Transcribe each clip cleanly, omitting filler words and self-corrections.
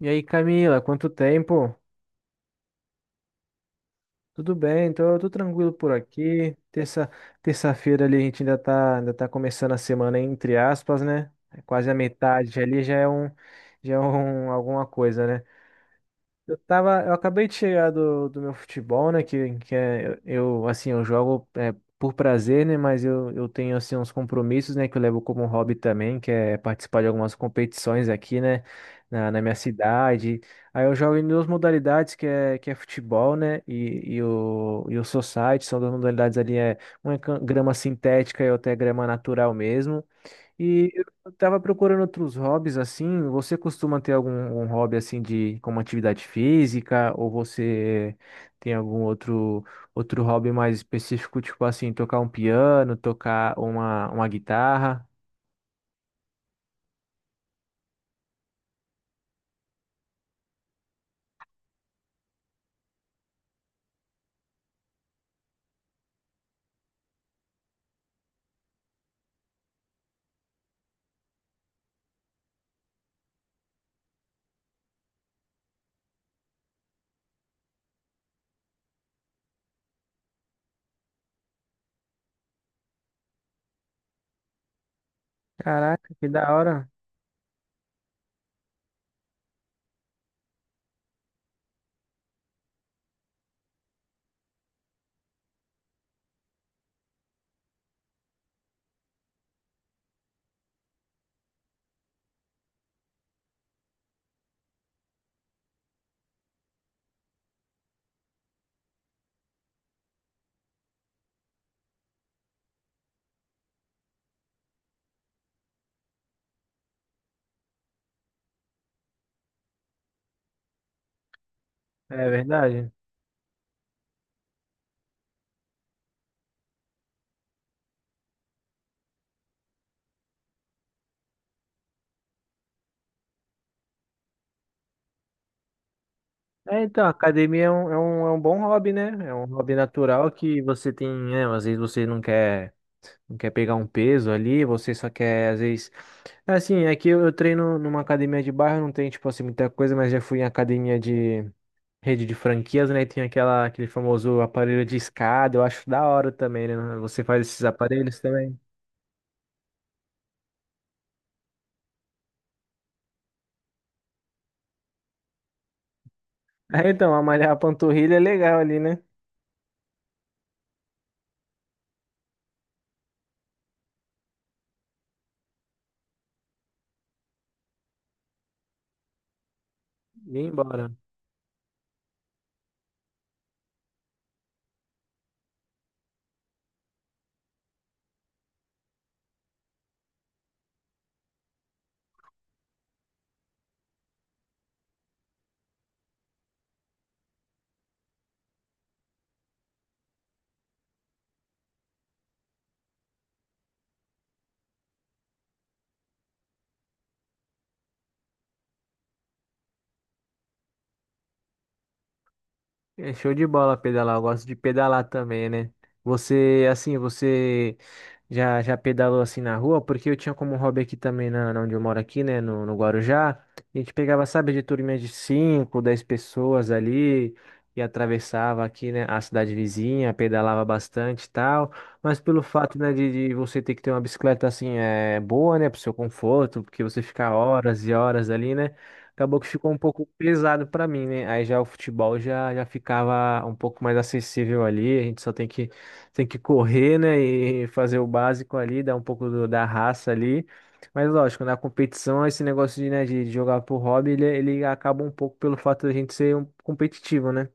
E aí, Camila, quanto tempo? Tudo bem, tô tranquilo por aqui. Terça-feira ali a gente ainda tá começando a semana, entre aspas, né? É quase a metade ali, já é alguma coisa, né? Eu acabei de chegar do meu futebol, né? Eu, assim, eu jogo é, por prazer, né? Mas eu tenho, assim, uns compromissos, né? Que eu levo como hobby também, que é participar de algumas competições aqui, né? Na minha cidade. Aí eu jogo em duas modalidades, que é futebol, né? E o society, são duas modalidades ali, é uma é grama sintética e outra é grama natural mesmo. E eu tava procurando outros hobbies assim. Você costuma ter algum hobby assim de como atividade física ou você tem algum outro hobby mais específico, tipo assim, tocar um piano, tocar uma guitarra? Caraca, que da hora. É verdade. É, então, academia é um bom hobby, né? É um hobby natural que você tem, né? Às vezes você não quer pegar um peso ali, você só quer, às vezes. É, assim, é que eu treino numa academia de bairro, não tem, tipo assim, muita coisa, mas já fui em academia de rede de franquias, né? E tem aquela, aquele famoso aparelho de escada, eu acho da hora também, né? Você faz esses aparelhos também. É, então, a malhar a panturrilha é legal ali, né? E ir embora. É show de bola pedalar, eu gosto de pedalar também, né? Você, assim, você já pedalou assim na rua? Porque eu tinha como hobby aqui também, na onde eu moro aqui, né, no Guarujá. A gente pegava, sabe, de turminha de 5, 10 pessoas ali e atravessava aqui, né, a cidade vizinha, pedalava bastante e tal. Mas pelo fato, né, de você ter que ter uma bicicleta, assim, é, boa, né, pro seu conforto, porque você fica horas e horas ali, né? Acabou que ficou um pouco pesado pra mim, né? Aí já o futebol já ficava um pouco mais acessível ali. A gente só tem que correr, né? E fazer o básico ali, dar um pouco da raça ali. Mas lógico, na competição, esse negócio de, né, de jogar por hobby, ele acaba um pouco pelo fato da gente ser um competitivo, né?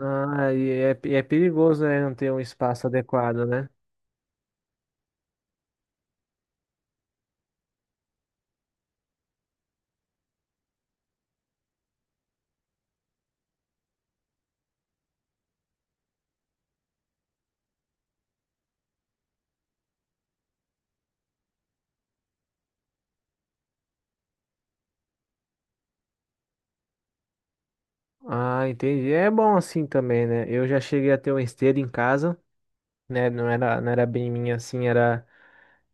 Ah, e é perigoso, né? Não ter um espaço adequado, né? Ah, entendi. É bom assim também, né? Eu já cheguei a ter uma esteira em casa, né? Não era bem minha assim, era.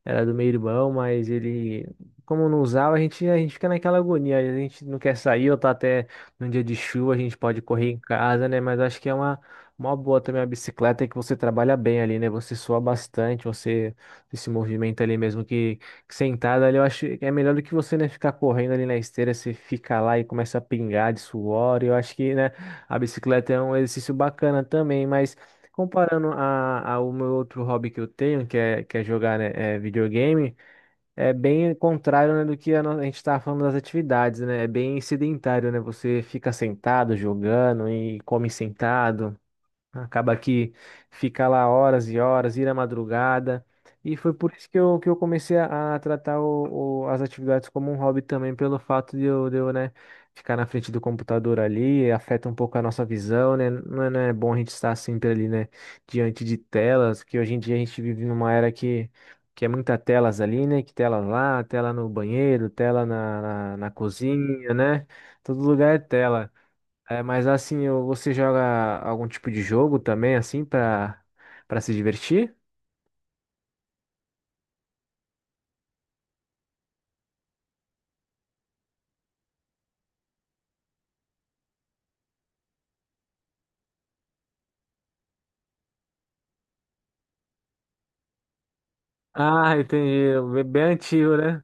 Era do meu irmão, mas ele, como não usava, a gente fica naquela agonia. A gente não quer sair, ou tá até num dia de chuva, a gente pode correr em casa, né? Mas acho que é uma boa também a bicicleta, é que você trabalha bem ali, né? Você sua bastante, você se movimenta ali mesmo que sentado ali. Eu acho que é melhor do que você, né, ficar correndo ali na esteira, você fica lá e começa a pingar de suor. Eu acho que, né, a bicicleta é um exercício bacana também, mas. Comparando a, ao meu outro hobby que eu tenho, que é jogar, né, é, videogame, é bem contrário, né, do que a, a gente estava falando das atividades, né? É bem sedentário, né? Você fica sentado jogando e come sentado. Acaba que fica lá horas e horas, ir à madrugada. E foi por isso que eu comecei a tratar o, as atividades como um hobby também, pelo fato de eu né, ficar na frente do computador ali, afeta um pouco a nossa visão, né? Não é bom a gente estar sempre ali, né, diante de telas, que hoje em dia a gente vive numa era que é muita telas ali, né? Que tela lá, tela no banheiro, tela na, na cozinha, né? Todo lugar é tela. É, mas assim, você joga algum tipo de jogo também, assim, pra, pra se divertir? Ah, entendi. Bem antigo, né?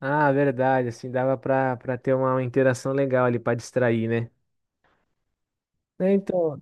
Ah, verdade. Assim, dava pra, pra ter uma interação legal ali, pra distrair, né? É, então.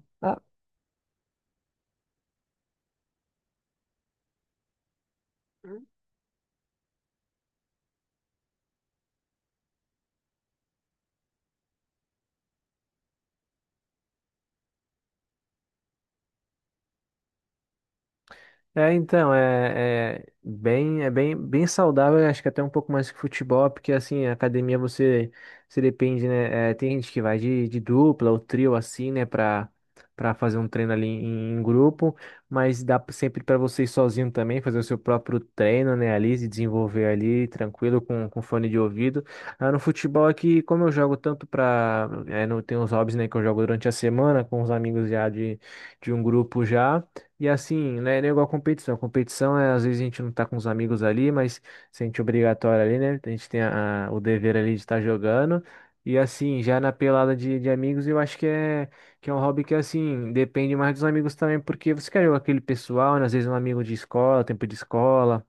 É, então, é, é bem, bem saudável, eu acho que até um pouco mais que futebol, porque assim, a academia você se depende, né? É, tem gente que vai de dupla ou trio assim, né, pra, pra fazer um treino ali em, em grupo, mas dá sempre pra você ir sozinho também, fazer o seu próprio treino, né, ali, se desenvolver ali, tranquilo, com fone de ouvido. Ah, no futebol aqui, como eu jogo tanto pra, é, não tem os hobbies, né, que eu jogo durante a semana com os amigos já de um grupo já. E assim, né, não é igual a competição. Competição é, às vezes a gente não tá com os amigos ali, mas sente obrigatório ali, né? A gente tem a- o dever ali de estar jogando. E assim, já na pelada de amigos, eu acho que é um hobby que, assim, depende mais dos amigos também, porque você quer jogar com aquele pessoal, né? Às vezes um amigo de escola, tempo de escola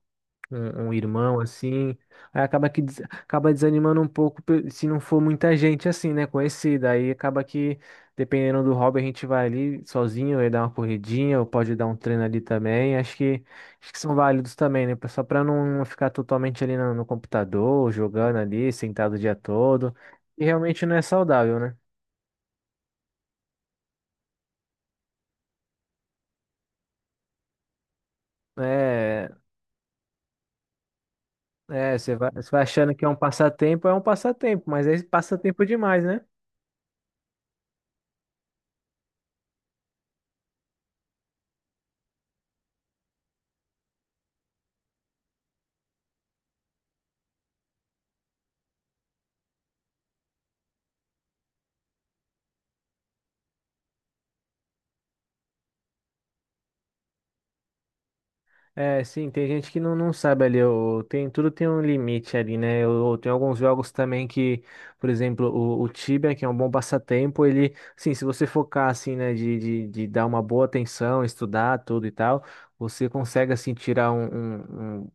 um, um irmão assim, aí acaba que acaba desanimando um pouco se não for muita gente assim, né, conhecida. Aí acaba que dependendo do hobby a gente vai ali sozinho, aí dá uma corridinha, ou pode dar um treino ali também. Acho que são válidos também, né, só para não ficar totalmente ali no, no computador, jogando ali, sentado o dia todo. E realmente não é saudável, né? É, é, você vai achando que é um passatempo, mas é passatempo demais, né? É, sim, tem gente que não, não sabe ali, o- tem, tudo tem um limite ali, né? Eu, tem alguns jogos também que, por exemplo, o Tibia, que é um bom passatempo, ele, sim, se você focar assim, né, de dar uma boa atenção, estudar tudo e tal, você consegue assim tirar um, um,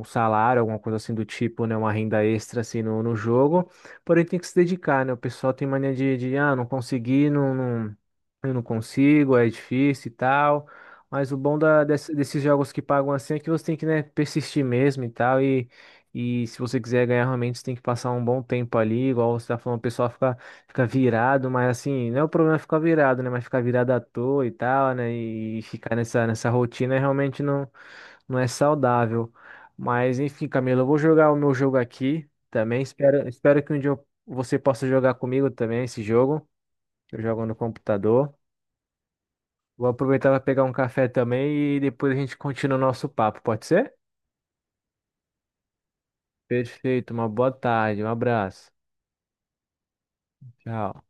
um salário, alguma coisa assim do tipo, né, uma renda extra assim no jogo, porém tem que se dedicar, né? O pessoal tem mania de ah, não consegui, não. Eu não consigo, é difícil e tal. Mas o bom desses jogos que pagam assim é que você tem que, né, persistir mesmo e tal. E se você quiser ganhar realmente, você tem que passar um bom tempo ali. Igual você tá falando, o pessoal fica, fica virado, mas assim, não é o problema ficar virado, né? Mas ficar virado à toa e tal, né? E ficar nessa, nessa rotina realmente não, não é saudável. Mas enfim, Camila, eu vou jogar o meu jogo aqui também. Espero, espero que um dia você possa jogar comigo também esse jogo. Eu jogo no computador. Vou aproveitar para pegar um café também e depois a gente continua o nosso papo, pode ser? Perfeito, uma boa tarde, um abraço. Tchau.